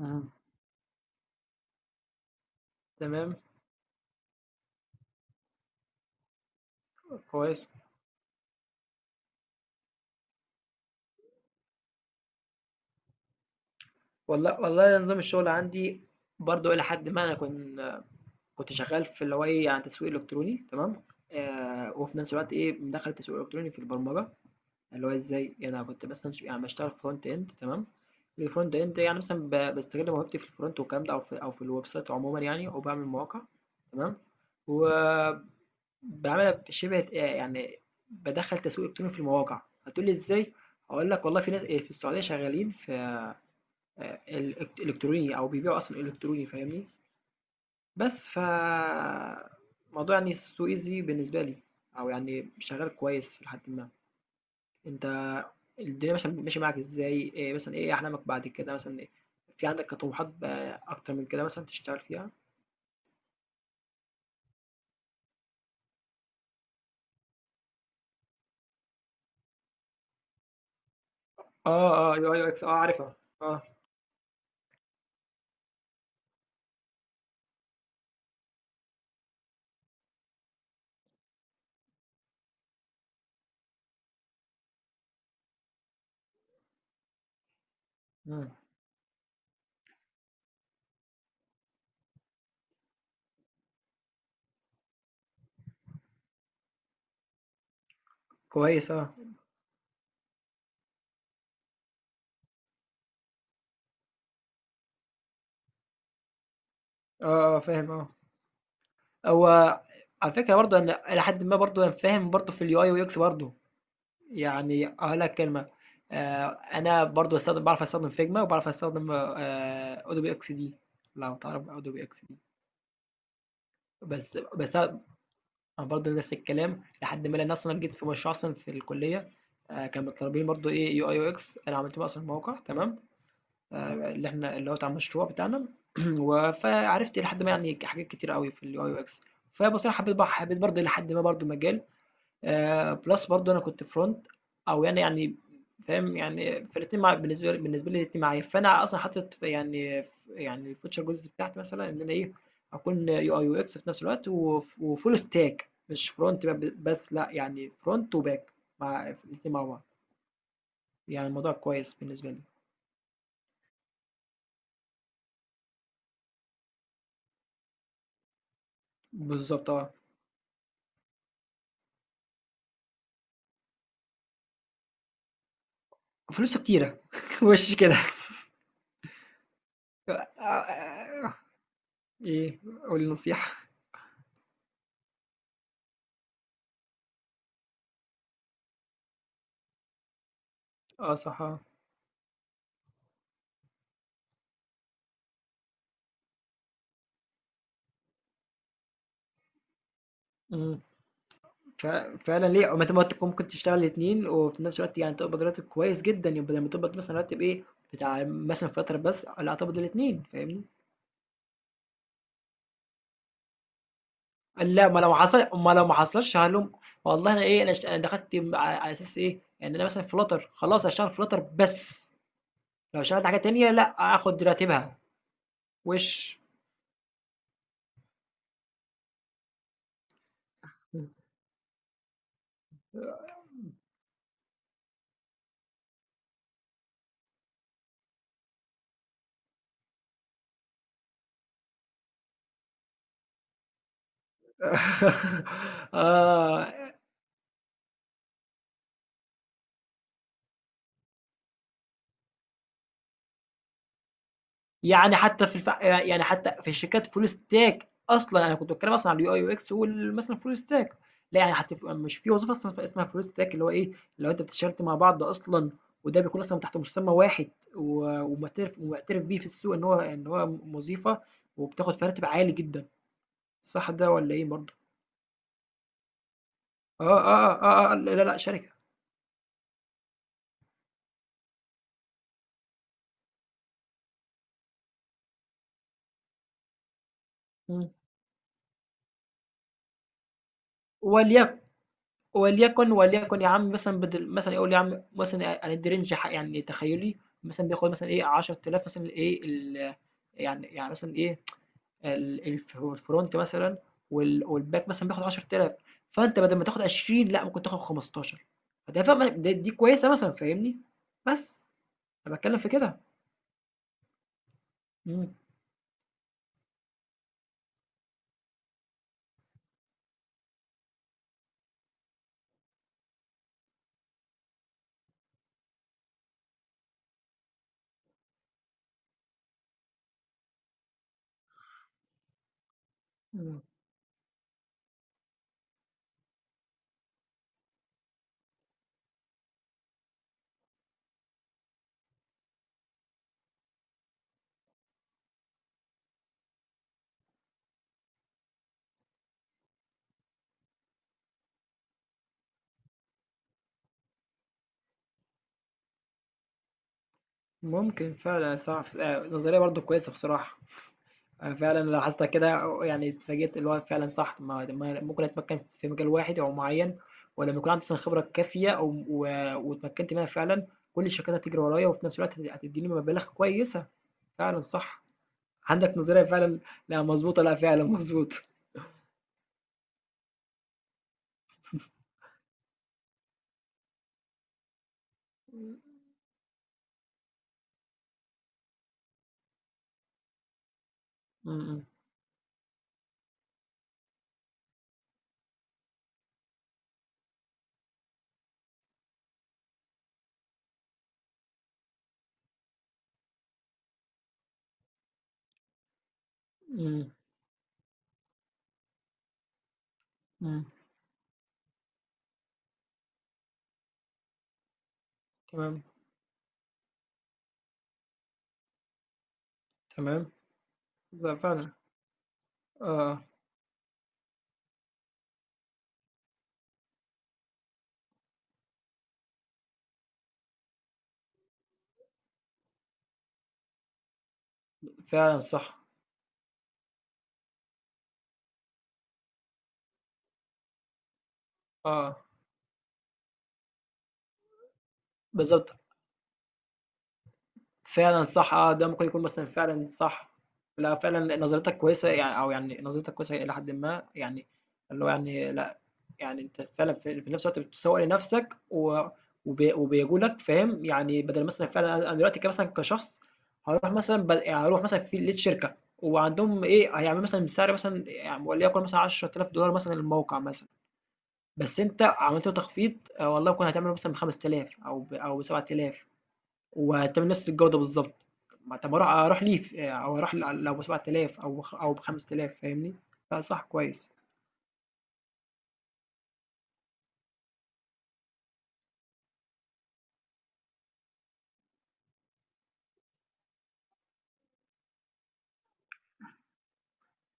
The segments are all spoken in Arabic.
إمم، تمام، كويس. والله نظام الشغل عندي برضه إلى حدٍ ما أنا كنت شغال في اللي هو إيه، يعني تسويق إلكتروني تمام، وفي نفس الوقت إيه، مدخّل التسويق الإلكتروني في البرمجة، اللي هو إزاي، يعني أنا كنت مثلًا يعني باشتغل front end تمام، الfront end يعني مثلًا باستغل موهبتي في الfront والكلام ده أو في الwebsite عمومًا يعني وباعمل مواقع تمام، وباعملها شِبه يعني بادخّل تسويق إلكتروني في المواقع، هتقول لي إزاي، هاقول لك والله في ناس في السعودية شغالين في الإلك إلكتروني أو بيبيعوا أصلًا إلكتروني فاهمني؟ بس موضوع يعني السوق easy بالنسبة لي أو يعني شغال كويس إلى حدٍ ما. أنت الدنيا مثلًا ماشية معاك إزاي؟ مثلًا إيه أحلامك بعد كده مثلًا إيه في عندك طموحات أكتر من كده مثلًا تشتغل فيها؟ آه، آه UI UX آه عارفها، آه، إمم، كويس آه، آه، آه فاهم آه. هو على فكرة برضه أنا إلى حدٍ ما برضه أنا فاهم برضه في الUI والX برضه. يعني أقول لك كلمة آه، أنا برضو بستخدم بعرف أستخدم فيجما وبعرف أستخدم أودوبي إكس دي لو تعرف أودوبي إكس دي بس أنا برضو نفس الكلام لحد ما أنا أصلا جيت في مشروع أصلا في الكلية آه، كانوا مطالبين برضو إيه يو أي يو إكس أنا عملت بقى أصلا موقع تمام آه، اللي هو بتاع المشروع بتاعنا فعرفت لحد ما يعني حاجات كتير قوي في اليو أي يو إكس فبصراحة حبيت برضو لحد ما برضو مجال plus برضه أنا كنت أو يعني فاهم، يعني فالاتنين بالنسبة لي الاتنين معايا، فأنا أصلًا حاطط في يعني يعني الfuture goals بتاعتي مثلًا إن أنا إيه، أكون UI UX في نفس الوقت وfull stack مش front بس لأ، يعني front وback مع الاتنين مع بعض، يعني الموضوع كويس بالنسبة لي. بالضبط آه، وفلوسه كتيرة وش كده. آآ إيه، قُل لي نصيحة. آه صح، آه. إمم. ف فعلًا ليه ما أنت ممكن تشتغل الاتنين وفي نفس الوقت يعني تقبض راتب كويس جدًا، يبقى لمّا تقبض مثلًا راتب إيه، بتاع مثلًا فترة بس لأ تقبض الاتنين فاهمني؟ قال لأ ما لو ما حصلش هالوم والله أنا إيه أنا دخلت على أساس إيه، يعني أنا مثلًا Flutter خلاص هاشتغل Flutter بس، لو اشتغلت حاجة تانية لأ هاخد راتبها، وِش. آه. يعني حتى في يعني حتى في الشركات فول ستاك اصلا انا كنت بتكلم اصلا على اليو اي يو اكس مثلا فول ستاك لا يعني حتى في... مش في وظيفه اصلا اسمها فول ستاك اللي هو ايه لو انت بتشتغل مع بعض اصلا وده بيكون اصلا تحت مسمى واحد و... ومعترف بيه في السوق ان هو وظيفه وبتاخد في راتب عالي جدا صح ده ولا ايه برضه؟ آه لا شركه مم. وليكن وليكن يا عم مثلًا بدل مثلًا يقول يا عم مثلًا هندّي رينج يعني تخيّلي مثلًا بياخد مثلًا إيه 10.000 مثلًا إيه يعني مثلًا إيه الف الfront مثلًا والback مثلًا بياخد 10.000 فأنت بدل ما تاخد 20 لأ ممكن تاخد 15 فده فاهمة دي كويسة مثلًا فاهمني؟ بس، أنا باتكلّم في كده. إمم، إمم، ممكن فعلًا صح نظرية برضه كويسة بصراحة. أنا فعلًا لاحظتها كده يعني اتفاجئت اللي هو فعلًا صح، ما ما ممكن أتمكن في مجال واحد أو معين ولمّا يكون عندي أصلًا خبرة كافية أو و واتمكنت منها فعلًا، كل الشركات هتجري ورايا وفي نفس الوقت هتدّيني مبالغ كويسة، فعلًا صح. عندك نظرية فعلًا لأ مضبوطة، لأ فعلًا مضبوطة. إمم، إمم، إمم، إمم، تمام، تمام. بالضبط فعلًا، آه، فعلًا صح، آه، بالضبط. فعلًا صح آه، ده ممكن يكون مثلًا فعلًا صح. لأ فعلًا نظرتك كويسة يعني أو يعني نظرتك كويسة إلى حدٍ ما، يعني اللي هو يعني لأ، يعني أنت فعلًا في نفس الوقت بتسوّق لنفسك و وبي وبيجولك فاهم، يعني بدل مثلًا فعلًا أنا دلوقتي مثلًا كشخص هاروح مثلًا يعني هاروح مثلًا في لقيت شركة وعندهم إيه، هيعملوا مثلًا سعر مثلًا يعني وليكن مثلًا $10,000 مثلًا الموقع مثلًا، بس أنت عملت له تخفيض آه، والله ممكن هتعمله مثلًا ب5000 أو ب7000. وهتعمل نفس الجودة بالضبط. ما طب ما أروح ليه أو أروح لو ب7000 أو ب5000 فاهمني؟ لأ صح كويس.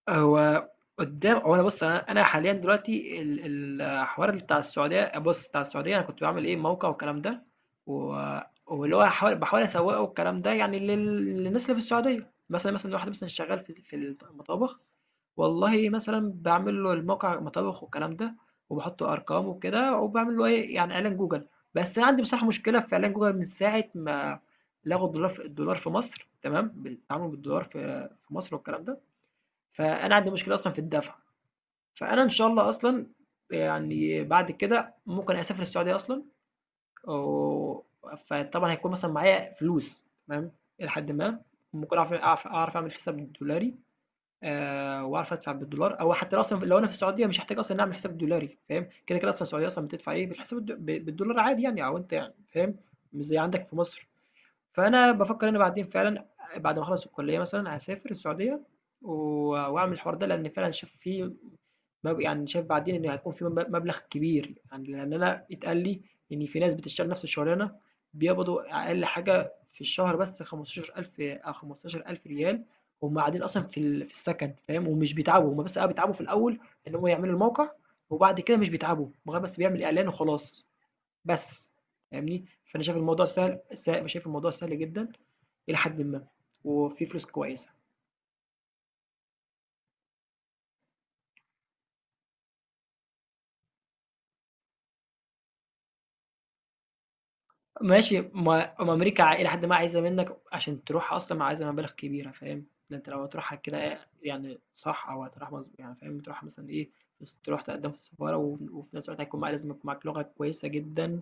هو قدّام هو أنا بُص أنا أنا حاليًا دلوقتي الحوار بتاع السعودية أنا كنت باعمل إيه موقع والكلام ده، و واللي هو باحاول أسوّقه والكلام ده يعني للناس اللي في السعودية. مثلًا واحد مثلًا شغال في المطابخ والله مثلًا باعمل له الموقع مطابخ والكلام ده، وباحط أرقام وكده، وباعمل له إيه، يعني إعلان جوجل، بس أنا عندي بصراحة مشكلة في إعلان جوجل من ساعة ما لغوا الدولار في مصر تمام، بالتعامل بالدولار في مصر والكلام ده، فأنا عندي مشكلة أصلًا في الدفع، فأنا إن شاء الله أصلًا يعني بعد كده ممكن أسافر السعودية أصلًا، و فطبعًا هيكون مثلًا معايا فلوس تمام، إلى حدٍ ما، ممكن أعرف أعمل حساب دولاري. وعارف أدفع بالدولار أو حتى لو أصلًا لو أنا في السعودية مش هاحتاج أصلًا إني أعمل حساب دولاري فاهم، كده، كده أصلًا السعودية أصلًا بتدفع إيه، بتحسب الد ب بالدولار عادي يعني أو أنت يعني فاهم، مش زي عندك في مصر، فأنا بافكّر أنا بعدين فعلًا بعد ما أخلّص الكلية مثلًا هاسافر السعودية و وأعمل الحوار ده، لإن فعلًا شايف في يعني شايف بعدين إن هيكون في مبلغ كبير، يعني لإن أنا اتقال لي إن في ناس بتشتغل نفس الشغلانة بيقبضوا أقل حاجة في الشهر بس 15,000 أو 15,000 ريال، هم قاعدين أصلًا في في السكن فاهم، ومش بيتعبوا، هم بس آه بيتعبوا في الأول إن هم يعملوا الموقع، وبعد كده مش بيتعبوا، مجرد بس بيعمل إعلان وخلاص، بس فاهمني؟ فأنا شايف الموضوع سهل س شايف الموضوع سهل جدًا إلى حدٍ ما، وفيه فلوس كويسة. ماشي ما ما أمريكا إلى حدٍ ما عايزة منّك عشان تروحها أصلًا عايزة مبالغ كبيرة فاهم، ده أنت لو هتروحها كده يعني صح أو هتروح يعني فاهم تروحها مثلًا إيه، بس تروح تقدّم في السفارة وفي نفس الوقت هيكون معاك لازم يكون معاك لغة كويسة جدًا،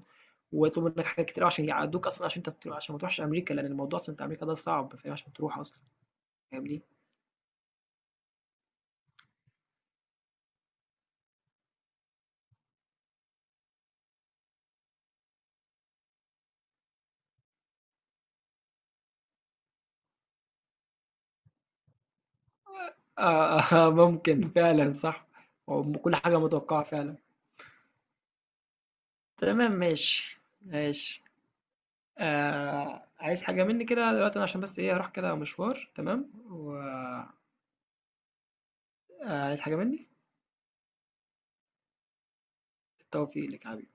وهيطلبوا منّك حاجات كتير أوي عشان يعدّوك أصلًا عشان أنت عشان ما تروحش أمريكا، لأن الموضوع أصلًا بتاع أمريكا ده صعب فاهم عشان تروح أصلًا فاهمني؟ آه، ممكن فعلًا صح، كل حاجة متوقعة فعلًا. تمام ماشي، ماشي. آه عايز حاجة مني كده دلوقتي أنا عشان بس إيه هروح كده مشوار تمام آه، عايز حاجة مني؟ التوفيق لك يا حبيبي.